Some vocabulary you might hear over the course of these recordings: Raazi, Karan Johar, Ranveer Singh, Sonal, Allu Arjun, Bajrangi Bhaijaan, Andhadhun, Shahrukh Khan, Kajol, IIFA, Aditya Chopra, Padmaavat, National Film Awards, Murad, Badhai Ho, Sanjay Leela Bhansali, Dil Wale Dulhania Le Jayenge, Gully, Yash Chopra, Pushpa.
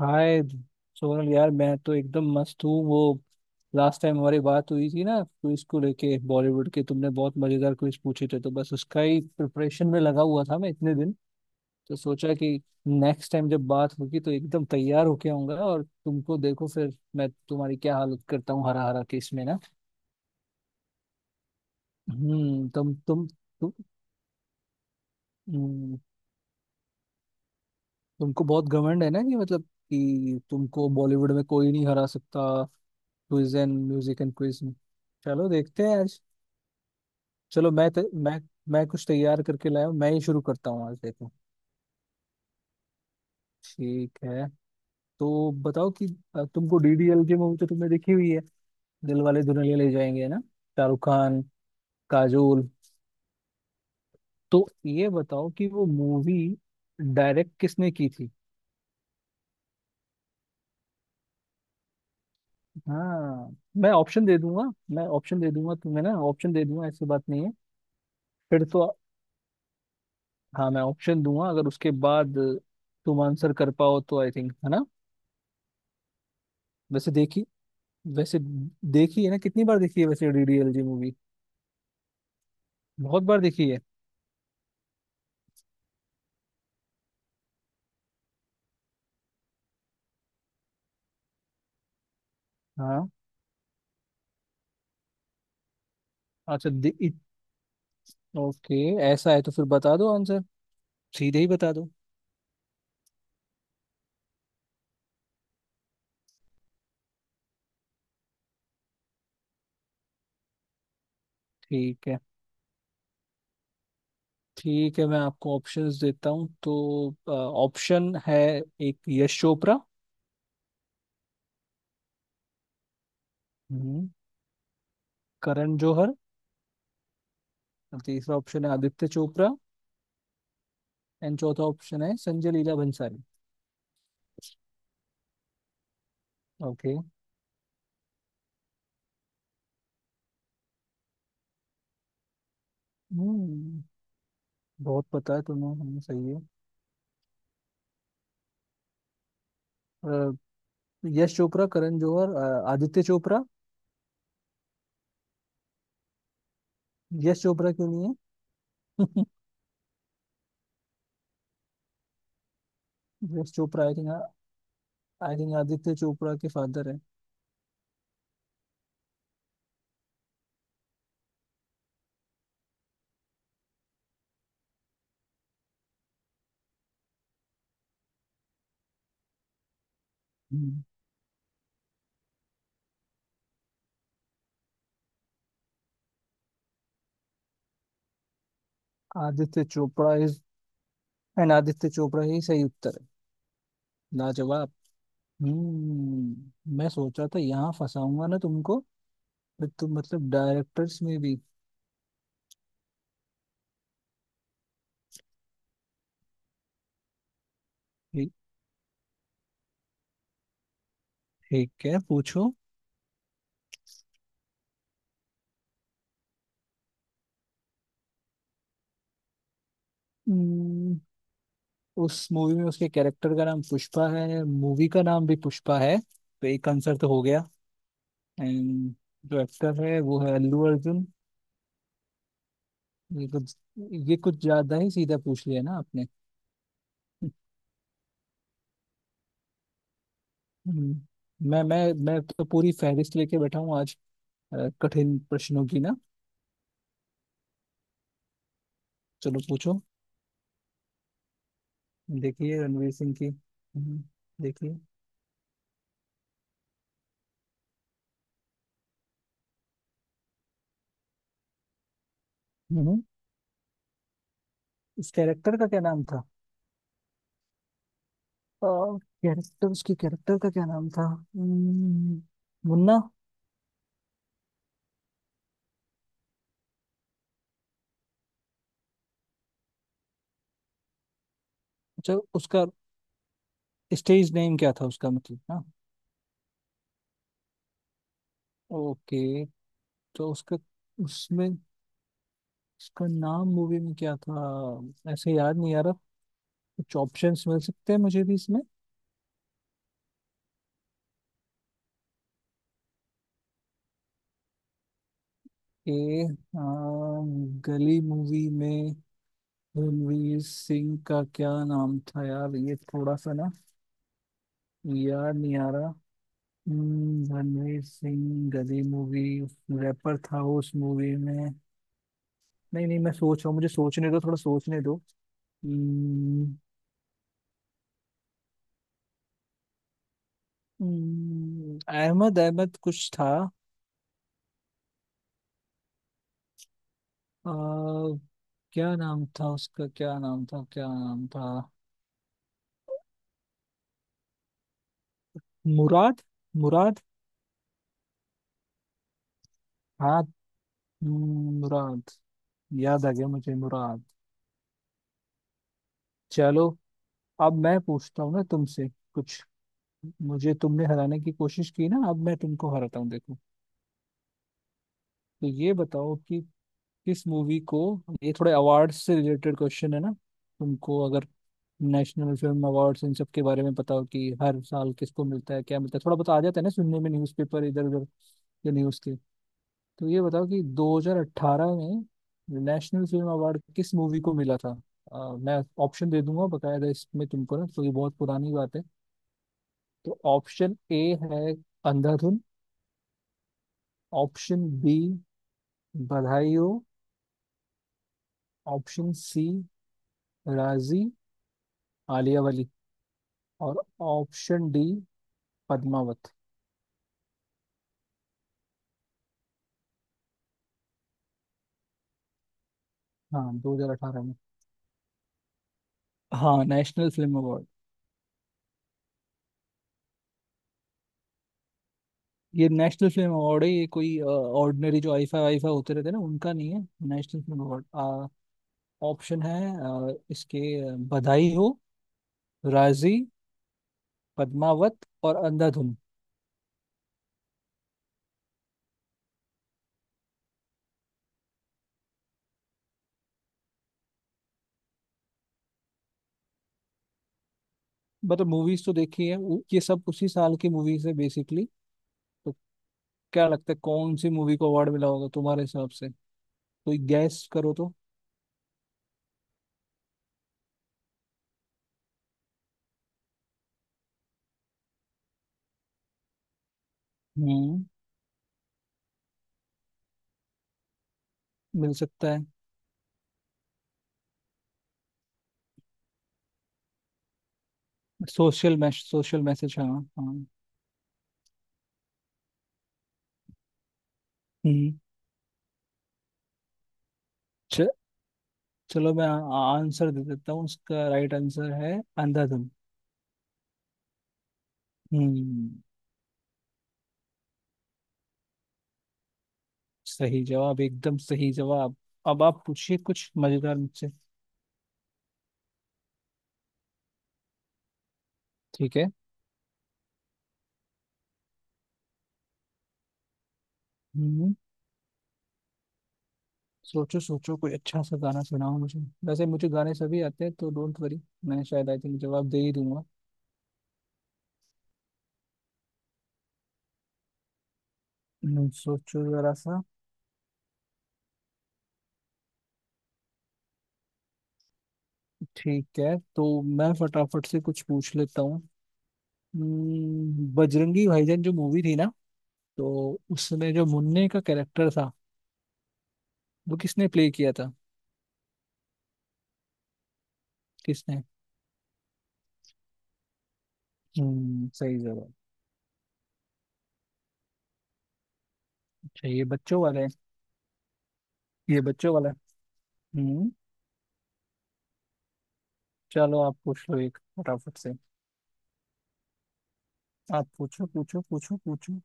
हाय। सोनल यार मैं तो एकदम मस्त हूँ। वो लास्ट टाइम हमारी बात हुई थी ना, क्विज को लेके बॉलीवुड के तुमने बहुत मजेदार क्विज पूछे थे, तो बस उसका ही प्रिपरेशन में लगा हुआ था मैं इतने दिन। तो सोचा कि नेक्स्ट टाइम जब बात होगी तो एकदम तैयार होके आऊंगा, और तुमको देखो फिर मैं तुम्हारी क्या हालत करता हूँ हरा हरा केस में ना। हम्म तुम तुम तुम हम्म। तुमको बहुत घमंड है ना, कि मतलब कि तुमको बॉलीवुड में कोई नहीं हरा सकता। Quiz and music and quiz में, चलो देखते हैं आज। चलो मैं त, मैं कुछ तैयार करके लाया हूँ, मैं ही शुरू करता हूँ आज देखो। ठीक है। तो बताओ कि तुमको डीडीएल की मूवी तो तुमने देखी हुई है। दिल वाले दुल्हनिया ले जाएंगे, है ना। शाहरुख खान, काजोल। तो ये बताओ कि वो मूवी डायरेक्ट किसने की थी। हाँ, मैं ऑप्शन दे दूंगा। मैं ऑप्शन दे दूंगा तुम्हें ना, ऑप्शन दे दूंगा, ऐसी बात नहीं है। फिर तो, हाँ मैं ऑप्शन दूंगा अगर, उसके बाद तुम आंसर कर पाओ तो आई थिंक, है ना। वैसे देखी वैसे देखी है ना, कितनी बार देखी है वैसे डीडीएलजे मूवी। बहुत बार देखी है। हाँ। अच्छा दे, ओके। ऐसा है तो फिर बता दो आंसर, सीधे ही बता दो। ठीक है। ठीक है मैं आपको ऑप्शंस देता हूँ तो। ऑप्शन है एक, यश चोपड़ा। हम्म, करण जौहर। और तीसरा ऑप्शन है आदित्य चोपड़ा। एंड चौथा ऑप्शन है संजय लीला भंसाली। ओके। बहुत पता है तुम्हें, सही है। अ, यश चोपड़ा, करण जौहर, आदित्य चोपड़ा। यश चोपड़ा क्यों नहीं। है। यश Chopra I think, I think Aditya Chopra के फादर है। हम्म, आदित्य चोपड़ा इज, एंड आदित्य चोपड़ा ही सही उत्तर है। लाजवाब। मैं सोचा था यहाँ फंसाऊंगा ना तुमको। फिर तुम मतलब डायरेक्टर्स में भी। ठी- ठीक है, पूछो। हम्म, उस मूवी में उसके कैरेक्टर का नाम पुष्पा है, मूवी का नाम भी पुष्पा है, तो एक आंसर तो हो गया। एंड जो एक्टर है वो है अल्लू अर्जुन। ये कुछ, ये कुछ ज्यादा ही सीधा पूछ लिया ना आपने। हम्म, मैं तो पूरी फहरिस्त लेके बैठा हूँ आज, कठिन प्रश्नों की ना। चलो पूछो। देखिए रणवीर सिंह की, देखिए। हम्म, इस कैरेक्टर का क्या नाम था। कैरेक्टर, उसके कैरेक्टर का क्या नाम था, मुन्ना। अच्छा, उसका स्टेज नेम क्या था उसका, मतलब ना। ओके। तो उसका, उसमें इसका नाम मूवी में क्या था, ऐसे याद नहीं आ रहा। कुछ ऑप्शंस मिल सकते हैं मुझे भी इसमें। ए, गली मूवी में रणवीर सिंह का क्या नाम था, यार ये थोड़ा सा ना याद नहीं आ रहा। रणवीर सिंह, गली मूवी, रैपर था वो उस मूवी में। नहीं नहीं, मैं सोच रहा हूँ, मुझे सोचने दो, थोड़ा सोचने दो। हम्म, अहमद अहमद कुछ था। आ, क्या नाम था उसका, क्या नाम था, क्या नाम था। मुराद, मुराद। हाँ, मुराद। याद आ गया मुझे, मुराद। चलो, अब मैं पूछता हूँ ना तुमसे कुछ। मुझे तुमने हराने की कोशिश की ना, अब मैं तुमको हराता हूँ देखो। तो ये बताओ कि किस मूवी को, ये थोड़े अवार्ड से रिलेटेड क्वेश्चन है ना। तुमको अगर नेशनल फिल्म अवार्ड्स इन सब के बारे में पता हो कि हर साल किसको मिलता है क्या मिलता है, थोड़ा बहुत आ जाता है ना सुनने में, न्यूज़पेपर इधर उधर या न्यूज़ के। तो ये बताओ कि 2018 में नेशनल फिल्म अवार्ड किस मूवी को मिला था। मैं ऑप्शन दे दूंगा बकायदा इसमें तुमको ना, तो ये बहुत पुरानी बात है। तो ऑप्शन ए है, Andhadhun. Option B, Badhaai Ho. Option C, Raazi, Alia वली। और ऑप्शन डी, पद्मावत। हाँ, 2018 में। हाँ, नेशनल फिल्म अवार्ड। ये नेशनल फिल्म अवार्ड है, ये कोई ऑर्डिनरी जो आईफा वाईफा होते रहते हैं ना, उनका नहीं है। National film award. ऑप्शन है, इसके, बधाई हो, राजी, पद्मावत और अंधाधुन। मतलब मूवीज तो देखी है, ये सब उसी साल की मूवीज है बेसिकली। तो क्या लगता है कौन सी मूवी को अवार्ड मिला होगा तुम्हारे हिसाब से। कोई गैस करो तो। हम्म, मिल सकता है। सोशल मैसेज, हाँ हाँ। हम्म च, चलो, मैं आंसर दे देता हूँ इसका, राइट आंसर है अंधाधुन। हम्म सही जवाब, एकदम सही जवाब। अब आप पूछिए कुछ मजेदार मुझसे। ठीक है। हम्म सोचो सोचो कोई अच्छा सा गाना सुनाओ मुझे। वैसे मुझे गाने सभी आते हैं तो डोंट वरी, मैं शायद आई थिंक जवाब दे ही दूंगा। सोचो जरा सा। ठीक है, तो मैं फटाफट से कुछ पूछ लेता हूँ। बजरंगी भाईजान जो मूवी थी ना, तो उसमें जो मुन्ने का कैरेक्टर था, वो किसने प्ले किया था। किसने। सही जवाब। अच्छा ये बच्चों वाला है। ये बच्चों वाला है। हम्म। चलो आप पूछ लो एक फटाफट से। आप पूछो पूछो पूछो पूछो।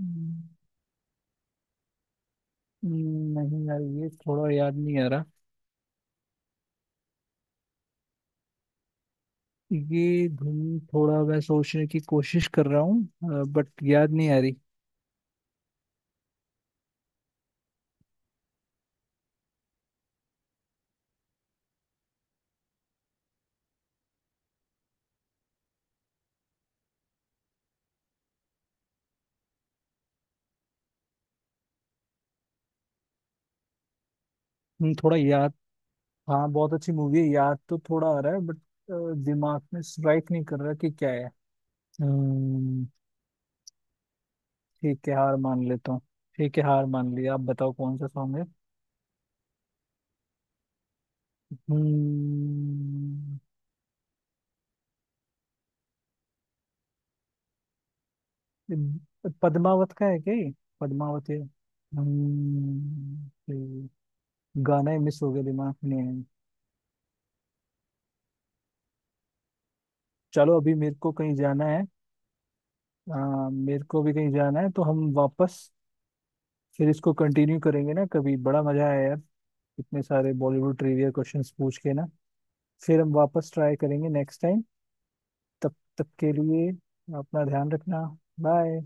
हम्म, नहीं यार, ये थोड़ा याद नहीं आ रहा। ये धुन, थोड़ा मैं सोचने की कोशिश कर रहा हूँ बट याद नहीं आ रही। थोड़ा याद। हाँ, बहुत अच्छी मूवी है, याद तो थोड़ा आ रहा है बट दिमाग में स्ट्राइक नहीं कर रहा कि क्या है। हम्म, ठीक है हार मान लेता हूँ। ठीक है, हार मान लिया, आप बताओ कौन सा सॉन्ग है। हम्म पद्मावत का है क्या ये। पद्मावत है, ये गाना ही मिस हो गया दिमाग में। चलो, अभी मेरे को कहीं जाना है। मेरे को भी कहीं जाना है, तो हम वापस फिर इसको कंटिन्यू करेंगे ना कभी। बड़ा मजा आया यार, इतने सारे बॉलीवुड ट्रिविया क्वेश्चंस पूछ के ना। फिर हम वापस ट्राई करेंगे नेक्स्ट टाइम। तब तक के लिए अपना ध्यान रखना। बाय।